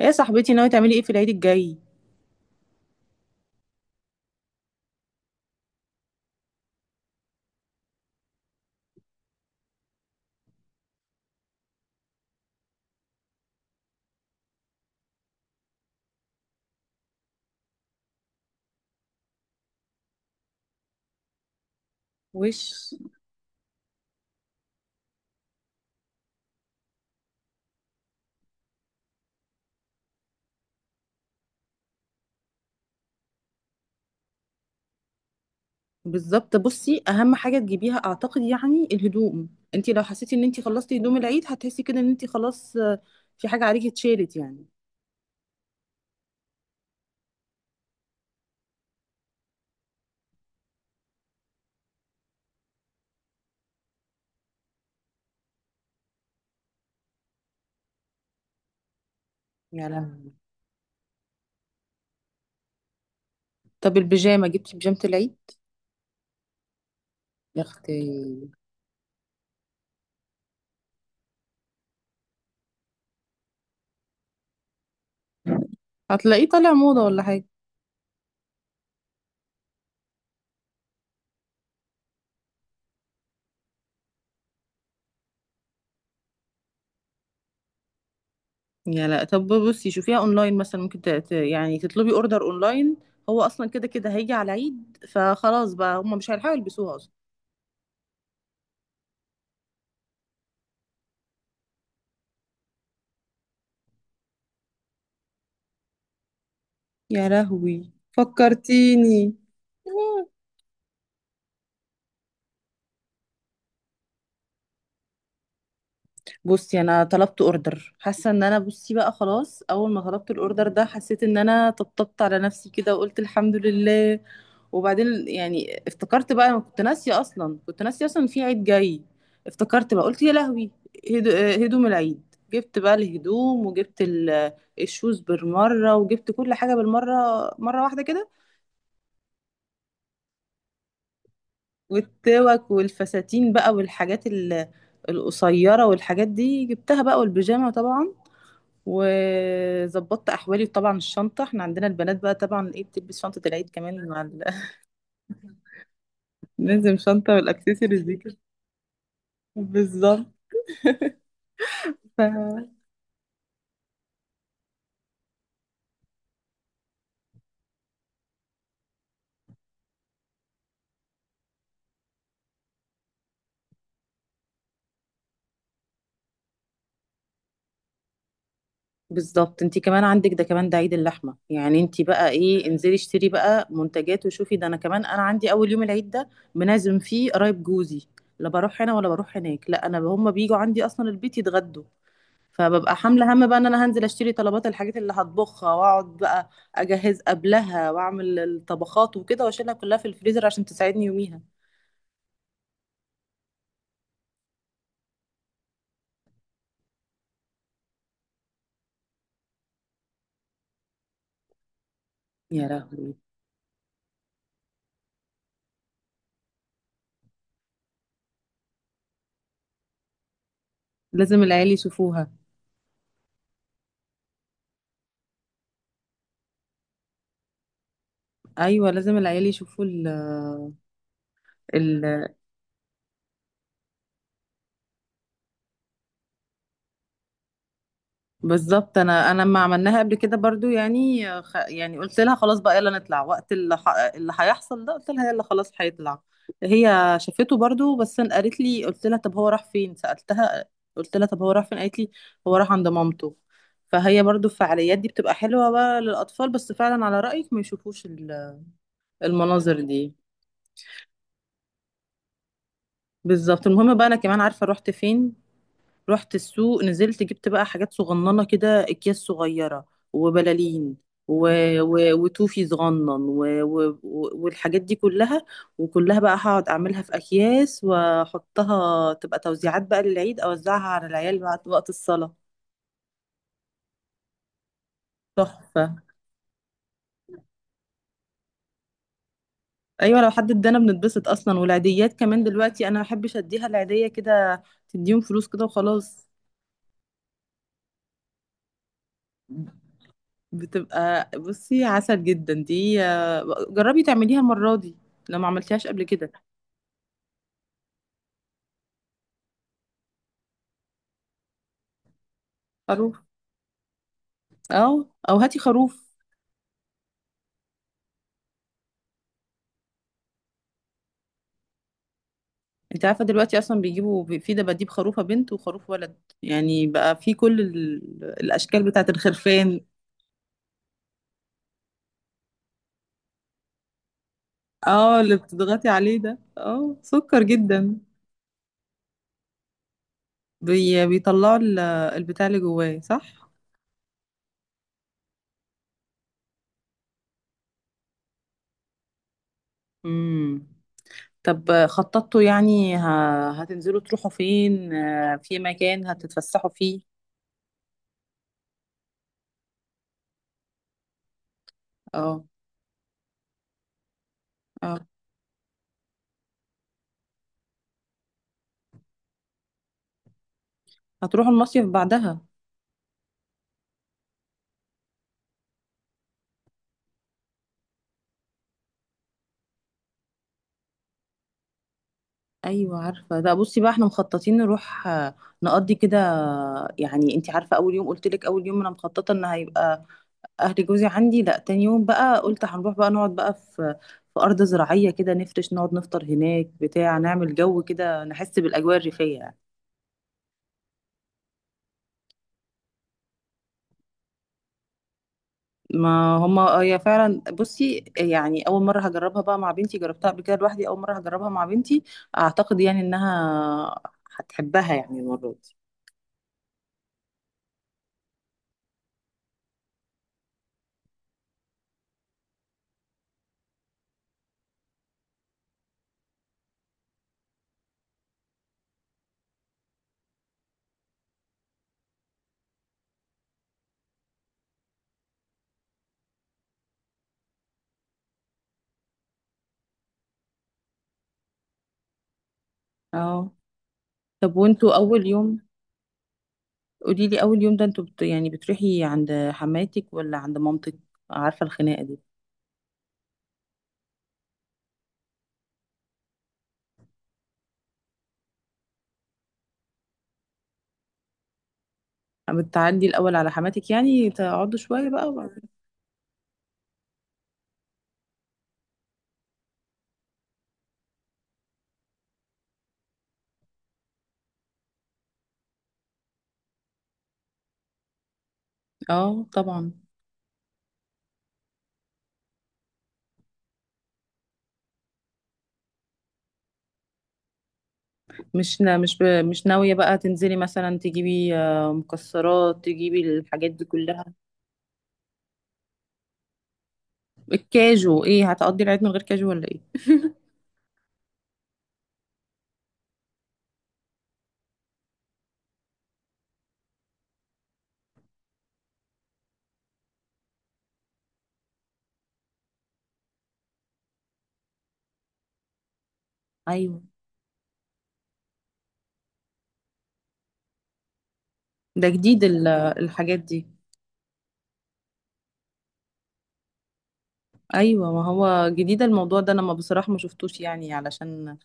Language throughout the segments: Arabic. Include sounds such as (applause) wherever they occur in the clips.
ايه يا صاحبتي، ناوي تعملي ايه في العيد الجاي؟ وش؟ بالظبط. بصي، اهم حاجه تجيبيها اعتقد يعني الهدوم. انت لو حسيتي ان انت خلصتي هدوم العيد هتحسي كده ان انت خلاص، في حاجه عليكي اتشالت يعني. يا لهوي. طب البيجامه، جبتي بيجامه العيد؟ يا اختي. هتلاقيه طالع موضه ولا حاجه؟ يا لا، طب بصي شوفيها اونلاين مثلا، ممكن يعني تطلبي اوردر اونلاين. هو اصلا كده كده هيجي على العيد، فخلاص بقى هم مش هيلحقوا يلبسوها اصلا. يا لهوي فكرتيني. بصي انا طلبت اوردر، حاسه ان انا بصي بقى خلاص، اول ما طلبت الاوردر ده حسيت ان انا طبطبت على نفسي كده وقلت الحمد لله. وبعدين يعني افتكرت بقى، انا كنت ناسيه اصلا، كنت ناسيه اصلا في عيد جاي. افتكرت بقى قلت يا لهوي، هدوم العيد. جبت بقى الهدوم وجبت الشوز بالمره وجبت كل حاجه بالمره، مره واحده كده. والتوك والفساتين بقى، والحاجات ال- القصيره والحاجات دي جبتها بقى، والبيجامه طبعا. وظبطت احوالي طبعا، الشنطه، احنا عندنا البنات بقى طبعا ايه بتلبس شنطه العيد كمان (laughs) لازم شنطه والاكسسوارز دي كده. بالظبط. ف- بالظبط، انت كمان عندك ده كمان، ده عيد اللحمه يعني، انت بقى ايه، انزلي اشتري بقى منتجات وشوفي. ده انا كمان، انا عندي اول يوم العيد ده بنعزم فيه قرايب جوزي. لا بروح هنا ولا بروح هناك، لا انا هم بيجوا عندي اصلا البيت يتغدوا. فببقى حامله هم بقى ان انا هنزل اشتري طلبات الحاجات اللي هطبخها، واقعد بقى اجهز قبلها واعمل الطبخات وكده واشيلها كلها في الفريزر عشان تساعدني يوميها. يا لهوي. لازم العيال يشوفوها. ايوه، لازم العيال بالظبط. انا لما عملناها قبل كده برضو يعني قلت لها خلاص بقى يلا نطلع وقت اللي هيحصل ده. قلت لها يلا خلاص هيطلع. هي شافته برضو، بس أنا قالت لي، قلت لها طب هو راح فين، سألتها، قلت لها طب هو راح فين، قالت لي هو راح عند مامته. فهي برضو الفعاليات دي بتبقى حلوة بقى للأطفال، بس فعلا على رأيك ما يشوفوش المناظر دي. بالظبط. المهم بقى، انا كمان عارفة رحت فين، رحت السوق، نزلت جبت بقى حاجات صغننة كده، أكياس صغيرة وبلالين و... و وتوفي صغنن و والحاجات دي كلها، وكلها بقى هقعد أعملها في أكياس وأحطها تبقى توزيعات بقى للعيد، أوزعها على العيال بعد وقت الصلاة. تحفة. أيوة لو حد ادانا بنتبسط أصلا. والعيديات كمان دلوقتي أنا ما بحبش أديها العيدية كده، تديهم فلوس كده وخلاص. بتبقى بصي عسل جدا دي، جربي تعمليها المرة دي لو ما عملتيهاش قبل كده. خروف. اه، او هاتي خروف. انت عارفة دلوقتي اصلا بيجيبوا في دباديب، خروفة بنت وخروف ولد، يعني بقى في كل الاشكال بتاعة الخرفان. اه، اللي بتضغطي عليه ده، اه سكر جدا. بيطلعوا البتاع اللي جواه صح. امم. طب خططتوا يعني هتنزلوا تروحوا فين، في مكان هتتفسحوا فيه؟ اه. اه، هتروح المصيف بعدها. ايوه عارفه ده. بصي بقى احنا مخططين نروح نقضي كده، يعني انت عارفه اول يوم، قلت لك اول يوم انا مخططه ان هيبقى اهل جوزي عندي، لا تاني يوم بقى قلت هنروح بقى نقعد بقى في ارض زراعيه كده، نفرش نقعد نفطر هناك بتاع، نعمل جو كده، نحس بالاجواء الريفيه يعني. ما هما هي فعلا بصي، يعني اول مره هجربها بقى مع بنتي، جربتها قبل كده لوحدي، اول مره هجربها مع بنتي. اعتقد يعني انها هتحبها يعني المره دي. اه. طب وانتوا اول يوم؟ قولي لي اول يوم ده انتوا يعني بتروحي عند حماتك ولا عند مامتك؟ عارفه الخناقه دي. بتعدي الاول على حماتك يعني تقعدوا شويه بقى وبعدين؟ اه طبعا. مش نا... مش ب... مش ناويه بقى تنزلي مثلا تجيبي، مكسرات، تجيبي الحاجات دي كلها؟ الكاجو ايه، هتقضي العيد من غير كاجو ولا ايه؟ ايوه. ده جديد الحاجات دي. ايوه، ما هو جديد الموضوع ده، انا ما بصراحه ما شفتوش يعني علشان.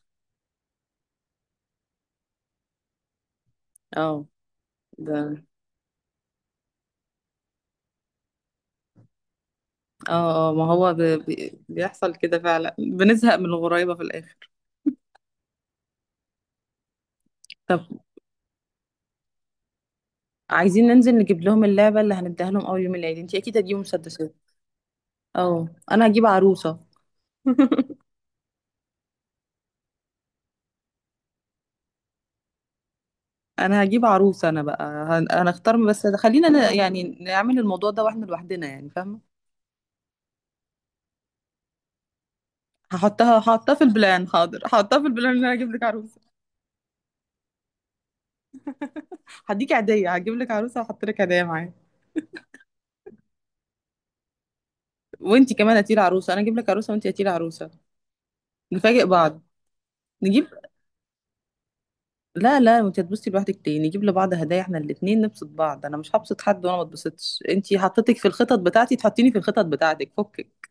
اه. ده اه. ما هو بيحصل كده فعلا، بنزهق من الغرايبة في الآخر. طب عايزين ننزل نجيب لهم اللعبة اللي هنديها لهم أول يوم العيد، انتي أكيد هتجيبوا مسدسات. اه أنا هجيب عروسة. أنا هجيب عروسة أنا بقى، هنختار بس، خلينا يعني نعمل الموضوع ده واحنا لوحدنا يعني، فاهمة؟ هحطها، هحطها في البلان، حاضر هحطها في البلان ان انا هجيب لك عروسه. هديك عيديه، هجيب لك عروسه وهحط لك هدايا معايا. وانتي كمان هاتيلي عروسه، انا اجيب لك عروسه وانتي هاتيلي عروسه، نفاجئ بعض. نجيب، لا لا، انت هتبصي لوحدك ليه، نجيب لبعض هدايا احنا الاتنين، نبسط بعض. انا مش هبسط حد وانا ما اتبسطش. انت حطيتك في الخطط بتاعتي، تحطيني في الخطط بتاعتك، فكك.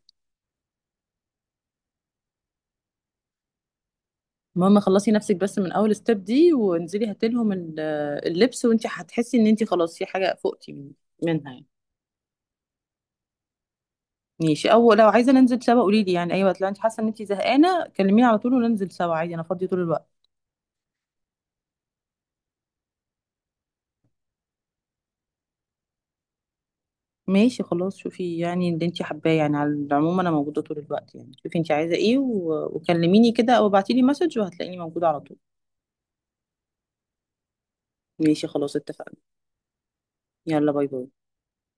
المهم خلصي نفسك بس من اول ستيب دي وانزلي هاتلهم اللبس، وانت هتحسي ان انت خلاص في حاجه فوقتي منها يعني. ماشي. او لو عايزه ننزل سوا قولي لي يعني، اي وقت لو انت حاسه ان انت زهقانه كلميني على طول وننزل سوا عادي، انا فاضيه طول الوقت. ماشي خلاص، شوفي يعني اللي انت حباه يعني، على العموم انا موجوده طول الوقت يعني. شوفي انت عايزه ايه وكلميني كده او ابعتي لي مسج وهتلاقيني موجوده على طول. ماشي خلاص اتفقنا. يلا باي باي.